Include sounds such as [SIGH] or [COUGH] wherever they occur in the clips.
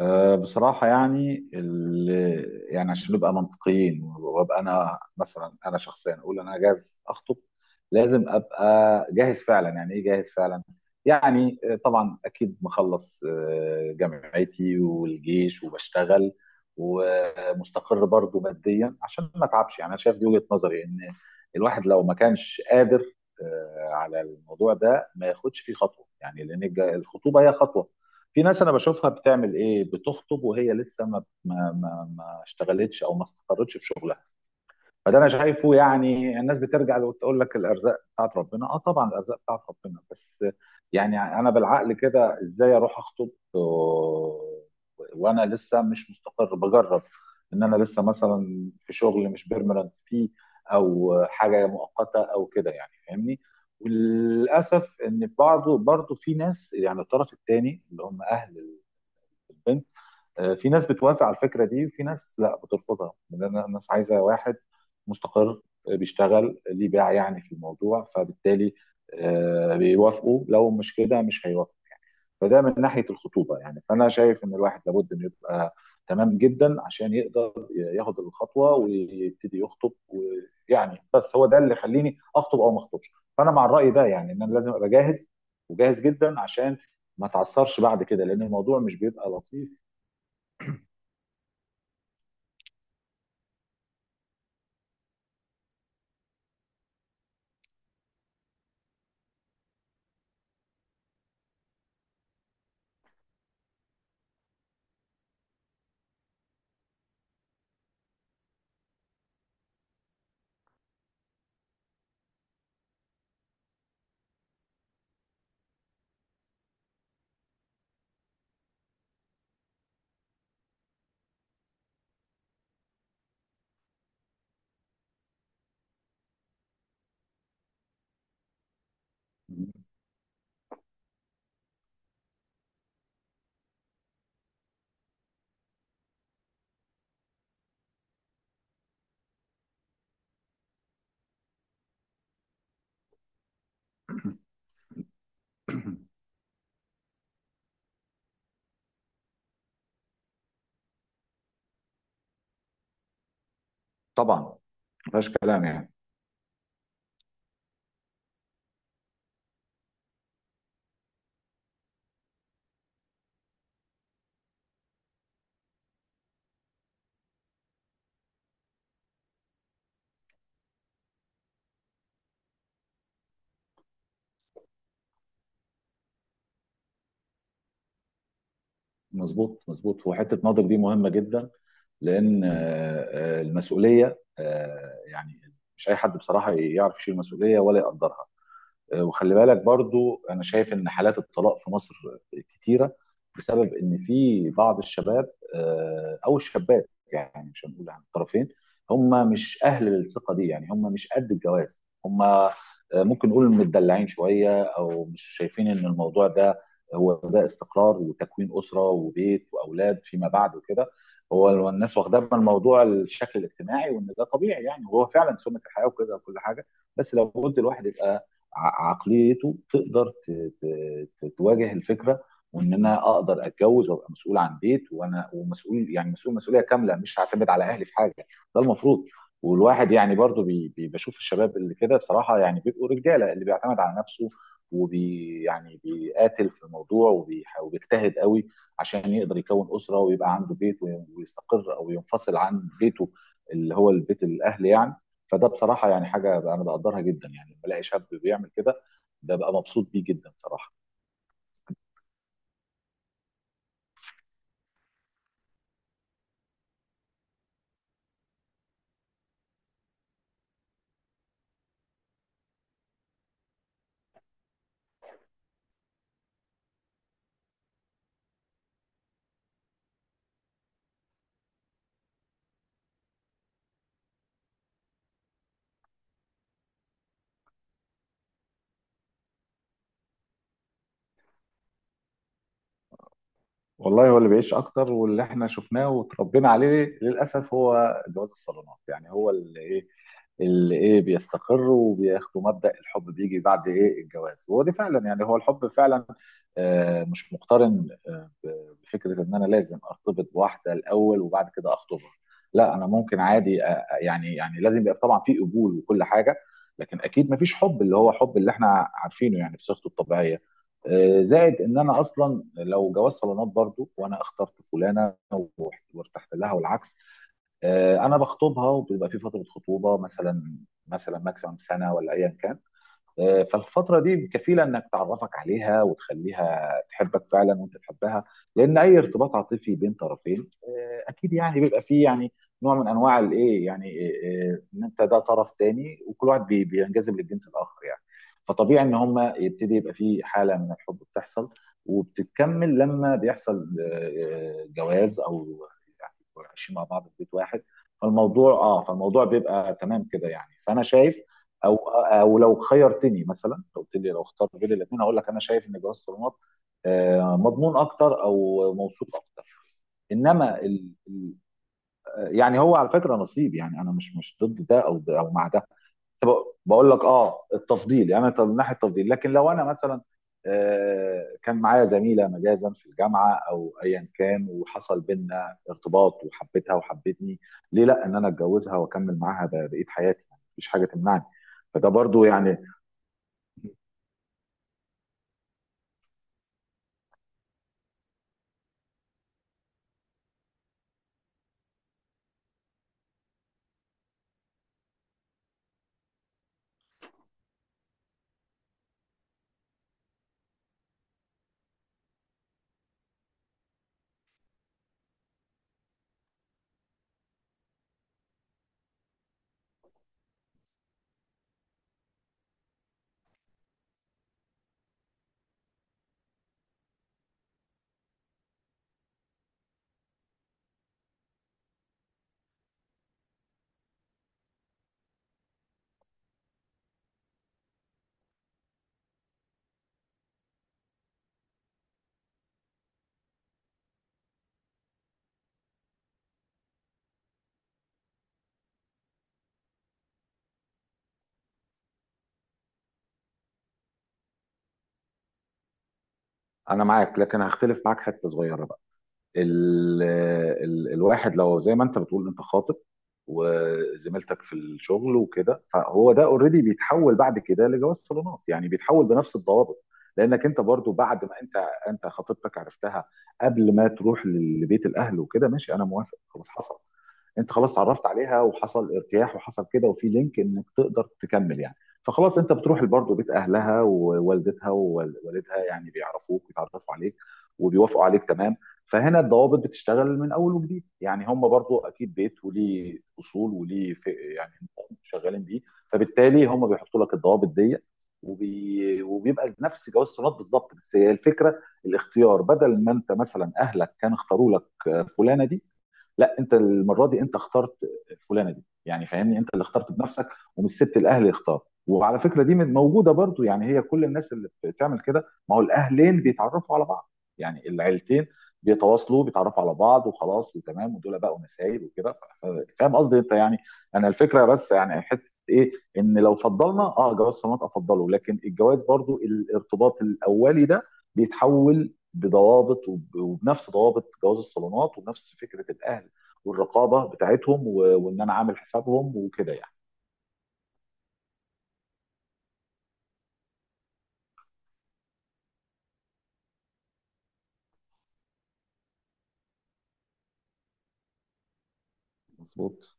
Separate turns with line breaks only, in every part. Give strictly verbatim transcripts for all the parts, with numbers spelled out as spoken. أه بصراحة يعني ال- يعني عشان نبقى منطقيين وابقى أنا مثلا أنا شخصيا أقول أنا جاهز أخطب، لازم أبقى جاهز فعلا. يعني إيه جاهز فعلا؟ يعني آه، طبعا أكيد مخلص آه، جامعتي والجيش وبشتغل ومستقر برضو ماديا عشان ما أتعبش. يعني أنا شايف دي وجهة نظري إن الواحد لو ما كانش قادر آه، على الموضوع ده ما ياخدش فيه خطوة، يعني لأن الج- الخطوبة هي خطوة. في ناس انا بشوفها بتعمل ايه، بتخطب وهي لسه ما ما ما, ما اشتغلتش او ما استقرتش في شغلها. فده انا شايفه، يعني الناس بترجع وتقول لك الارزاق بتاعت ربنا، اه طبعا الارزاق بتاعت ربنا، بس يعني انا بالعقل كده ازاي اروح اخطب و- وانا لسه مش مستقر؟ بجرب ان انا لسه مثلا في شغل مش بيرمننت فيه، او حاجه مؤقته او كده، يعني فاهمني. وللاسف ان برضه برضه في ناس يعني الطرف الثاني اللي هم اهل البنت، آه، في ناس بتوافق على الفكره دي وفي ناس لا بترفضها، لان الناس عايزه واحد مستقر آه، بيشتغل آه، ليه باع يعني في الموضوع، فبالتالي آه، بيوافقوا، لو مش كده مش هيوافقوا يعني. فده من ناحيه الخطوبه، يعني فانا شايف ان الواحد لابد انه يبقى تمام جدا عشان يقدر ياخد الخطوه ويبتدي يخطب، ويعني بس هو ده اللي يخليني اخطب او ما اخطبش. فانا مع الراي ده، يعني ان انا لازم ابقى جاهز وجاهز جدا عشان ما تعثرش بعد كده، لان الموضوع مش بيبقى لطيف. [COUGHS] طبعا ما فيهاش كلام يعني. مظبوط مظبوط، وحته ناضج دي مهمه جدا، لان آه، آه، المسؤوليه آه، يعني مش اي حد بصراحه يعرف يشيل مسؤوليه ولا يقدرها. آه، وخلي بالك برضو انا شايف ان حالات الطلاق في مصر كتيره بسبب ان في بعض الشباب آه، او الشابات، يعني مش هنقول عن الطرفين، هم مش اهل الثقه دي، يعني هم مش قد الجواز. هم آه، ممكن نقول متدلعين شويه او مش شايفين ان الموضوع ده هو ده استقرار وتكوين اسره وبيت واولاد فيما بعد وكده. هو الناس واخداه من الموضوع الشكل الاجتماعي وان ده طبيعي يعني، وهو فعلا سنه الحياه وكده وكل حاجه. بس لو قلت الواحد يبقى ع- عقليته تقدر ت- ت- ت- تواجه الفكره، وان انا اقدر اتجوز وابقى مسؤول عن بيت، وانا ومسؤول يعني مسؤول مسؤوليه كامله، مش هعتمد على اهلي في حاجه. ده المفروض. والواحد يعني برضو بي بي- بشوف الشباب اللي كده، بصراحه يعني بيبقوا رجاله اللي بيعتمد على نفسه، وبي يعني بيقاتل في الموضوع وبيح- وبيجتهد قوي عشان يقدر يكون اسره ويبقى عنده بيت وي- ويستقر او ينفصل عن بيته، اللي هو البيت الاهل يعني. فده بصراحه يعني حاجه انا بقدرها جدا، يعني لما الاقي شاب بيعمل كده ده بقى مبسوط بيه جدا صراحه. والله هو اللي بيعيش اكتر واللي احنا شفناه وتربينا عليه للاسف هو جواز الصالونات، يعني هو اللي ايه اللي ايه بيستقر، وبياخدوا مبدأ الحب بيجي بعد ايه الجواز، وهو دي فعلا يعني هو الحب فعلا آه، مش مقترن آه، ب- بفكرة ان انا لازم ارتبط بواحدة الاول وبعد كده اخطبها. لا انا ممكن عادي آه، آه، يعني يعني لازم يبقى طبعا في قبول وكل حاجة، لكن اكيد مفيش حب اللي هو حب اللي احنا عارفينه يعني بصيغته الطبيعية. آه، زائد ان انا اصلا لو جواز صالونات برضو وانا اخترت فلانه وارتحت لها والعكس، آه، انا بخطبها وبيبقى في فتره خطوبه مثلا، مثلا ماكسيمم سنه ولا ايا كان. آه، فالفترة دي كفيلة انك تعرفك عليها وتخليها تحبك فعلا وانت تحبها، لان اي ارتباط عاطفي بين طرفين آه، اكيد يعني بيبقى فيه يعني نوع من انواع الايه، يعني آه، آه، ان انت ده طرف تاني وكل واحد بي- بينجذب للجنس الاخر يعني. فطبيعي ان هما يبتدي يبقى فيه حالة من الحب بتحصل وبتتكمل لما بيحصل آه، آه، جواز، او يعني يكونوا عايشين مع بعض في بيت واحد. فالموضوع اه فالموضوع بيبقى تمام كده يعني، فانا شايف، او او لو خيرتني، مثلا لو قلت لي لو اختار بين الاثنين، هقول لك انا شايف ان جواز الصالونات آه، مضمون اكتر او موثوق اكتر. انما ال... ال- يعني هو على فكره نصيب، يعني انا مش مش ضد ده او ده او مع ده. طب بقول لك اه التفضيل يعني، طب من ناحيه التفضيل، لكن لو انا مثلا آه، كان معايا زميله مجازا في الجامعه او ايا كان وحصل بينا ارتباط وحبيتها وحبتني، ليه لا ان انا اتجوزها واكمل معاها بقيه حياتي؟ يعني مفيش حاجه تمنعني. فده برضو يعني. انا معاك، لكن هختلف معاك حته صغيره بقى. ال ال الواحد لو زي ما انت بتقول انت خاطب وزميلتك في الشغل وكده، فهو ده اوريدي بيتحول بعد كده لجواز صالونات، يعني بيتحول بنفس الضوابط، لانك انت برضو بعد ما انت انت خطيبتك عرفتها قبل ما تروح لبيت الاهل وكده، ماشي انا موافق خلاص حصل. انت خلاص اتعرفت عليها وحصل ارتياح وحصل كده وفي لينك انك تقدر تكمل يعني. فخلاص انت بتروح برضه بيت اهلها ووالدتها ووالدها، يعني بيعرفوك ويتعرفوا عليك وبيوافقوا عليك تمام. فهنا الضوابط بتشتغل من اول وجديد، يعني هم برضو اكيد بيت وليه اصول وليه ف- يعني شغالين بيه، فبالتالي هم بيحطوا لك الضوابط دي، وبي... وبيبقى نفس جواز الصالونات بالظبط. بس هي الفكره الاختيار، بدل ما انت مثلا اهلك كان اختاروا لك فلانه دي، لا انت المره دي انت اخترت فلانه دي، يعني فاهمني انت اللي اخترت بنفسك ومش سبت الاهل يختار. وعلى فكره دي من- موجوده برضو، يعني هي كل الناس اللي بتعمل كده، ما هو الاهلين بيتعرفوا على بعض يعني، العيلتين بيتواصلوا بيتعرفوا على بعض وخلاص وتمام ودول بقوا نسايب وكده، ف- ف- فاهم قصدي انت يعني. انا الفكره بس يعني حته ايه، ان لو فضلنا اه جواز صالونات افضله، لكن الجواز برضو الارتباط الاولي ده بيتحول بضوابط وب- وبنفس ضوابط جواز الصالونات وبنفس فكره الاهل والرقابه بتاعتهم، و- وان انا عامل حسابهم وكده يعني. مظبوط.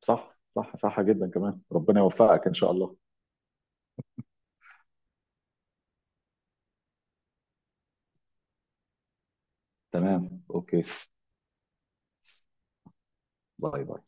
صح صح صح جدا. كمان ربنا يوفقك ان شاء الله. تمام اوكي. باي باي.